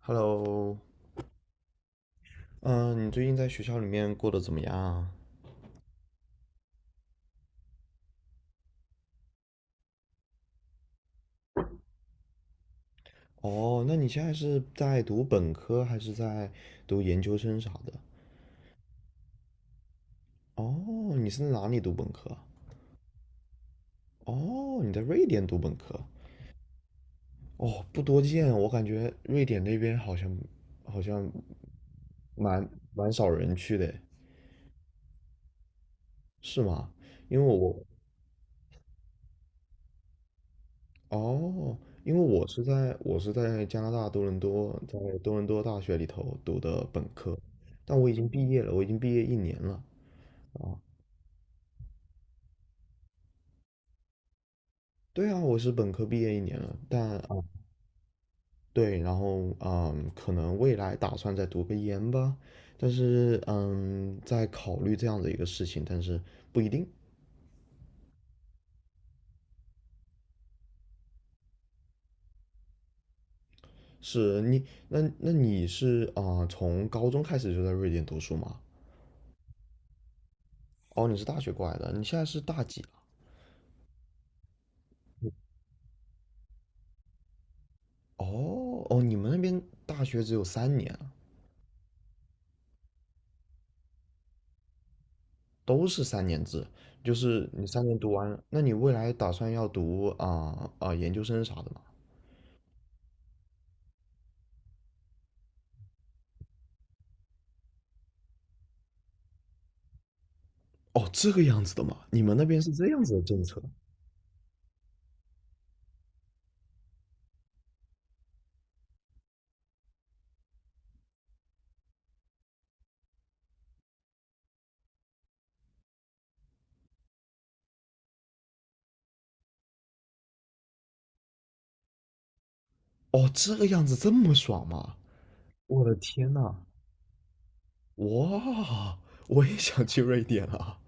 Hello，嗯，你最近在学校里面过得怎么样啊？哦，那你现在是在读本科还是在读研究生啥的？哦，你是在哪里读本科啊。哦，你在瑞典读本科。哦，不多见，我感觉瑞典那边好像蛮蛮少人去的，是吗？因为我哦，因为我是在加拿大多伦多，在多伦多大学里头读的本科，但我已经毕业了，我已经毕业一年了啊。对啊，我是本科毕业一年了，对，然后可能未来打算再读个研吧，但是在考虑这样的一个事情，但是不一定。是你，那你是从高中开始就在瑞典读书吗？哦，你是大学过来的，你现在是大几。哦哦，你们那边大学只有三年啊。都是三年制，就是你三年读完了那你未来打算要读研究生啥的吗？哦，这个样子的吗？你们那边是这样子的政策？哦，这个样子这么爽吗？我的天呐，哇，我也想去瑞典啊！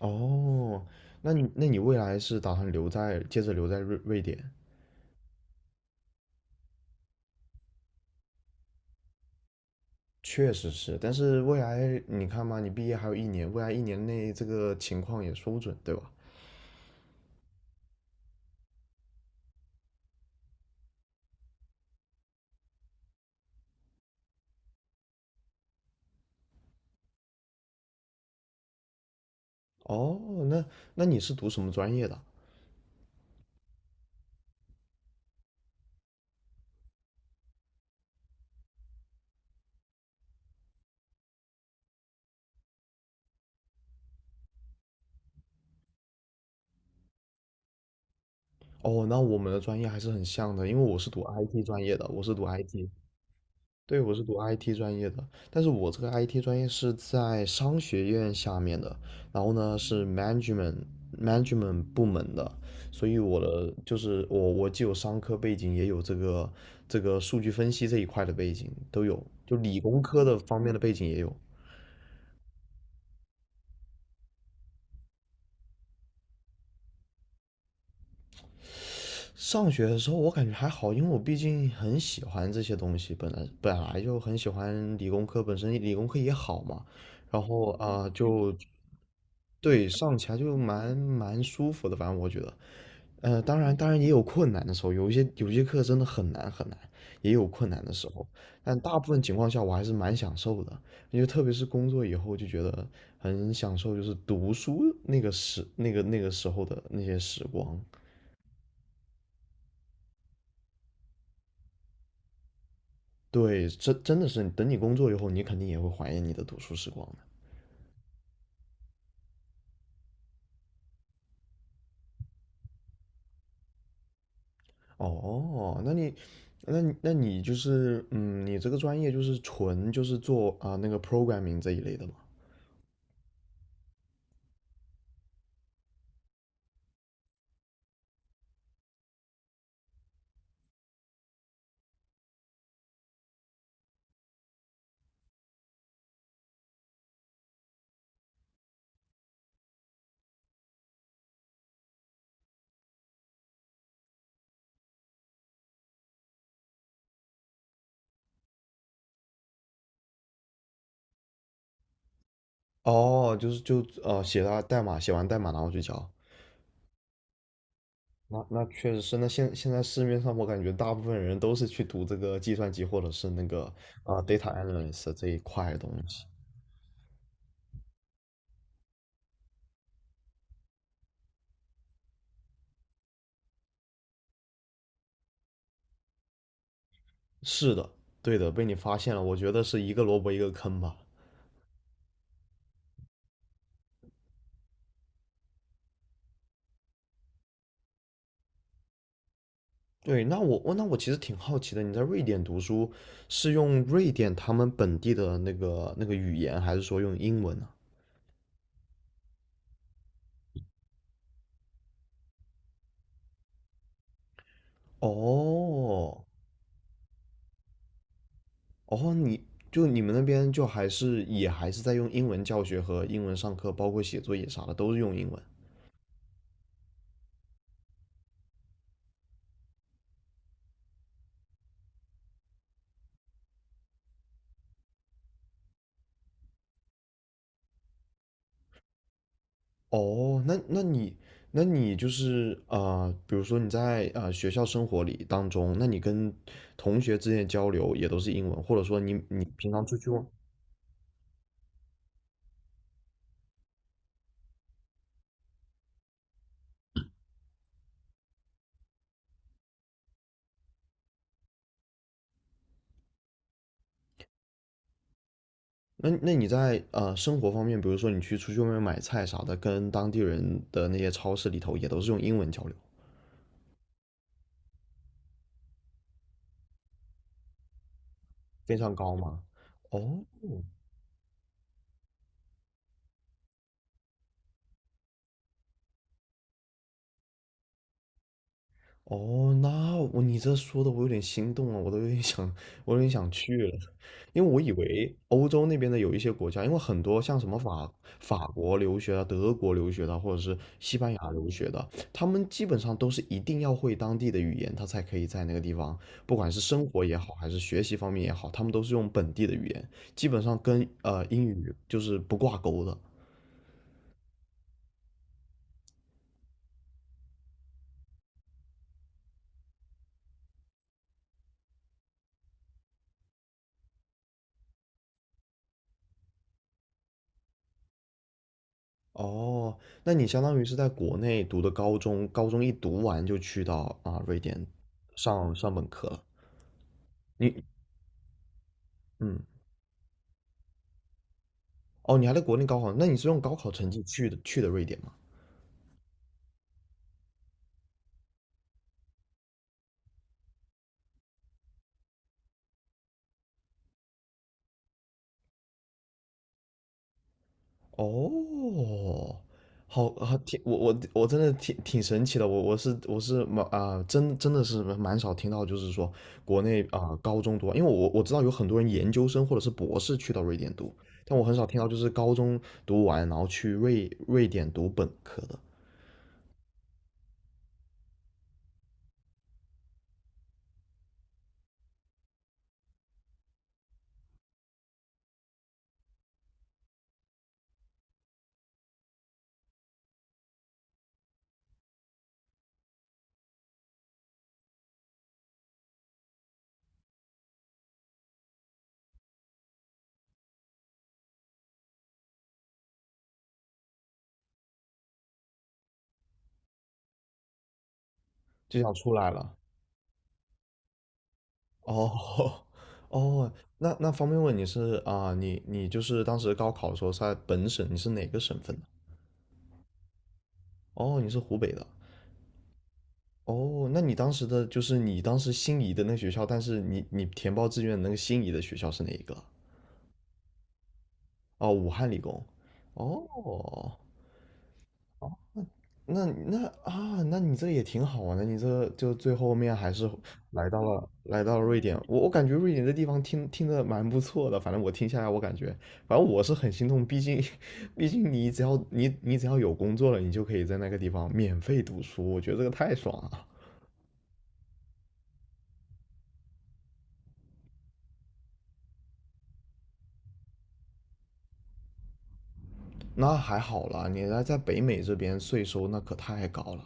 哦，那你未来是打算留在接着留在瑞典？确实是，但是未来你看嘛，你毕业还有一年，未来一年内这个情况也说不准，对吧？哦，那那你是读什么专业的？哦，那我们的专业还是很像的，因为我是读 IT 专业的，我是读 IT,对，我是读 IT 专业的，但是我这个 IT 专业是在商学院下面的，然后呢是 management 部门的，所以我的就是我既有商科背景，也有这个数据分析这一块的背景都有，就理工科的方面的背景也有。上学的时候我感觉还好，因为我毕竟很喜欢这些东西，本来就很喜欢理工科，本身理工科也好嘛，然后就对上起来就蛮舒服的，反正我觉得，当然也有困难的时候，有些课真的很难很难，也有困难的时候，但大部分情况下我还是蛮享受的，因为特别是工作以后就觉得很享受，就是读书那个时那个那个时候的那些时光。对，真的是，等你工作以后，你肯定也会怀念你的读书时光的。哦，那你就是，你这个专业就是纯就是做那个 programming 这一类的吗？哦，就是写了代码，写完代码然后去交。那确实是，那现在市面上我感觉大部分人都是去读这个计算机或者是那个data analyst 这一块的东西。是的，对的，被你发现了，我觉得是一个萝卜一个坑吧。对，那我其实挺好奇的，你在瑞典读书是用瑞典他们本地的那个语言，还是说用英文呢？哦，哦，你们那边就还是也还是在用英文教学和英文上课，包括写作业啥的都是用英文。哦，那你就是比如说你在学校生活里当中，那你跟同学之间的交流也都是英文，或者说你平常出去玩，那你在生活方面，比如说你出去外面买菜啥的，跟当地人的那些超市里头也都是用英文交流，非常高吗？哦，哦，你这说的我有点心动了，我都有点想，我有点想去了，因为我以为欧洲那边的有一些国家，因为很多像什么法国留学的、德国留学的啊，或者是西班牙留学的，他们基本上都是一定要会当地的语言，他才可以在那个地方，不管是生活也好，还是学习方面也好，他们都是用本地的语言，基本上跟英语就是不挂钩的。哦，那你相当于是在国内读的高中，高中一读完就去到瑞典上本科了。你嗯，哦，你还在国内高考，那你是用高考成绩去的瑞典吗？哦，好啊，我真的挺神奇的，我是蛮真的是蛮少听到，就是说国内高中读完，因为我知道有很多人研究生或者是博士去到瑞典读，但我很少听到就是高中读完然后去瑞典读本科的。就想出来了。哦 哦，那方便问你是你就是当时高考的时候是在本省，你是哪个省份的？哦，你是湖北的。哦，那你当时的就是你当时心仪的那学校，但是你填报志愿的那个心仪的学校是哪一个？哦，武汉理工。哦，那你这也挺好啊，那你这就最后面还是来到了瑞典。我感觉瑞典这地方听着蛮不错的，反正我听下来，我感觉，反正我是很心痛，毕竟 毕竟你只要有工作了，你就可以在那个地方免费读书，我觉得这个太爽了。那还好啦，你来在北美这边税收那可太高了。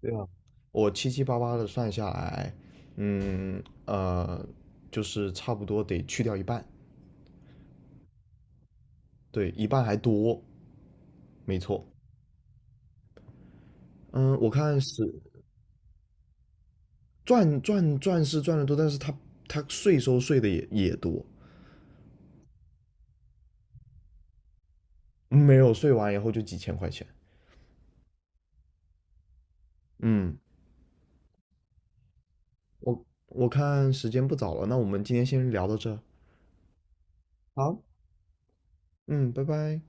对啊，我七七八八的算下来，嗯呃，就是差不多得去掉一半，对，一半还多。没错，嗯，我看是赚是赚的多，但是他税收税的也多，没有税完以后就几千块钱。嗯，我看时间不早了，那我们今天先聊到这儿。好，嗯，拜拜。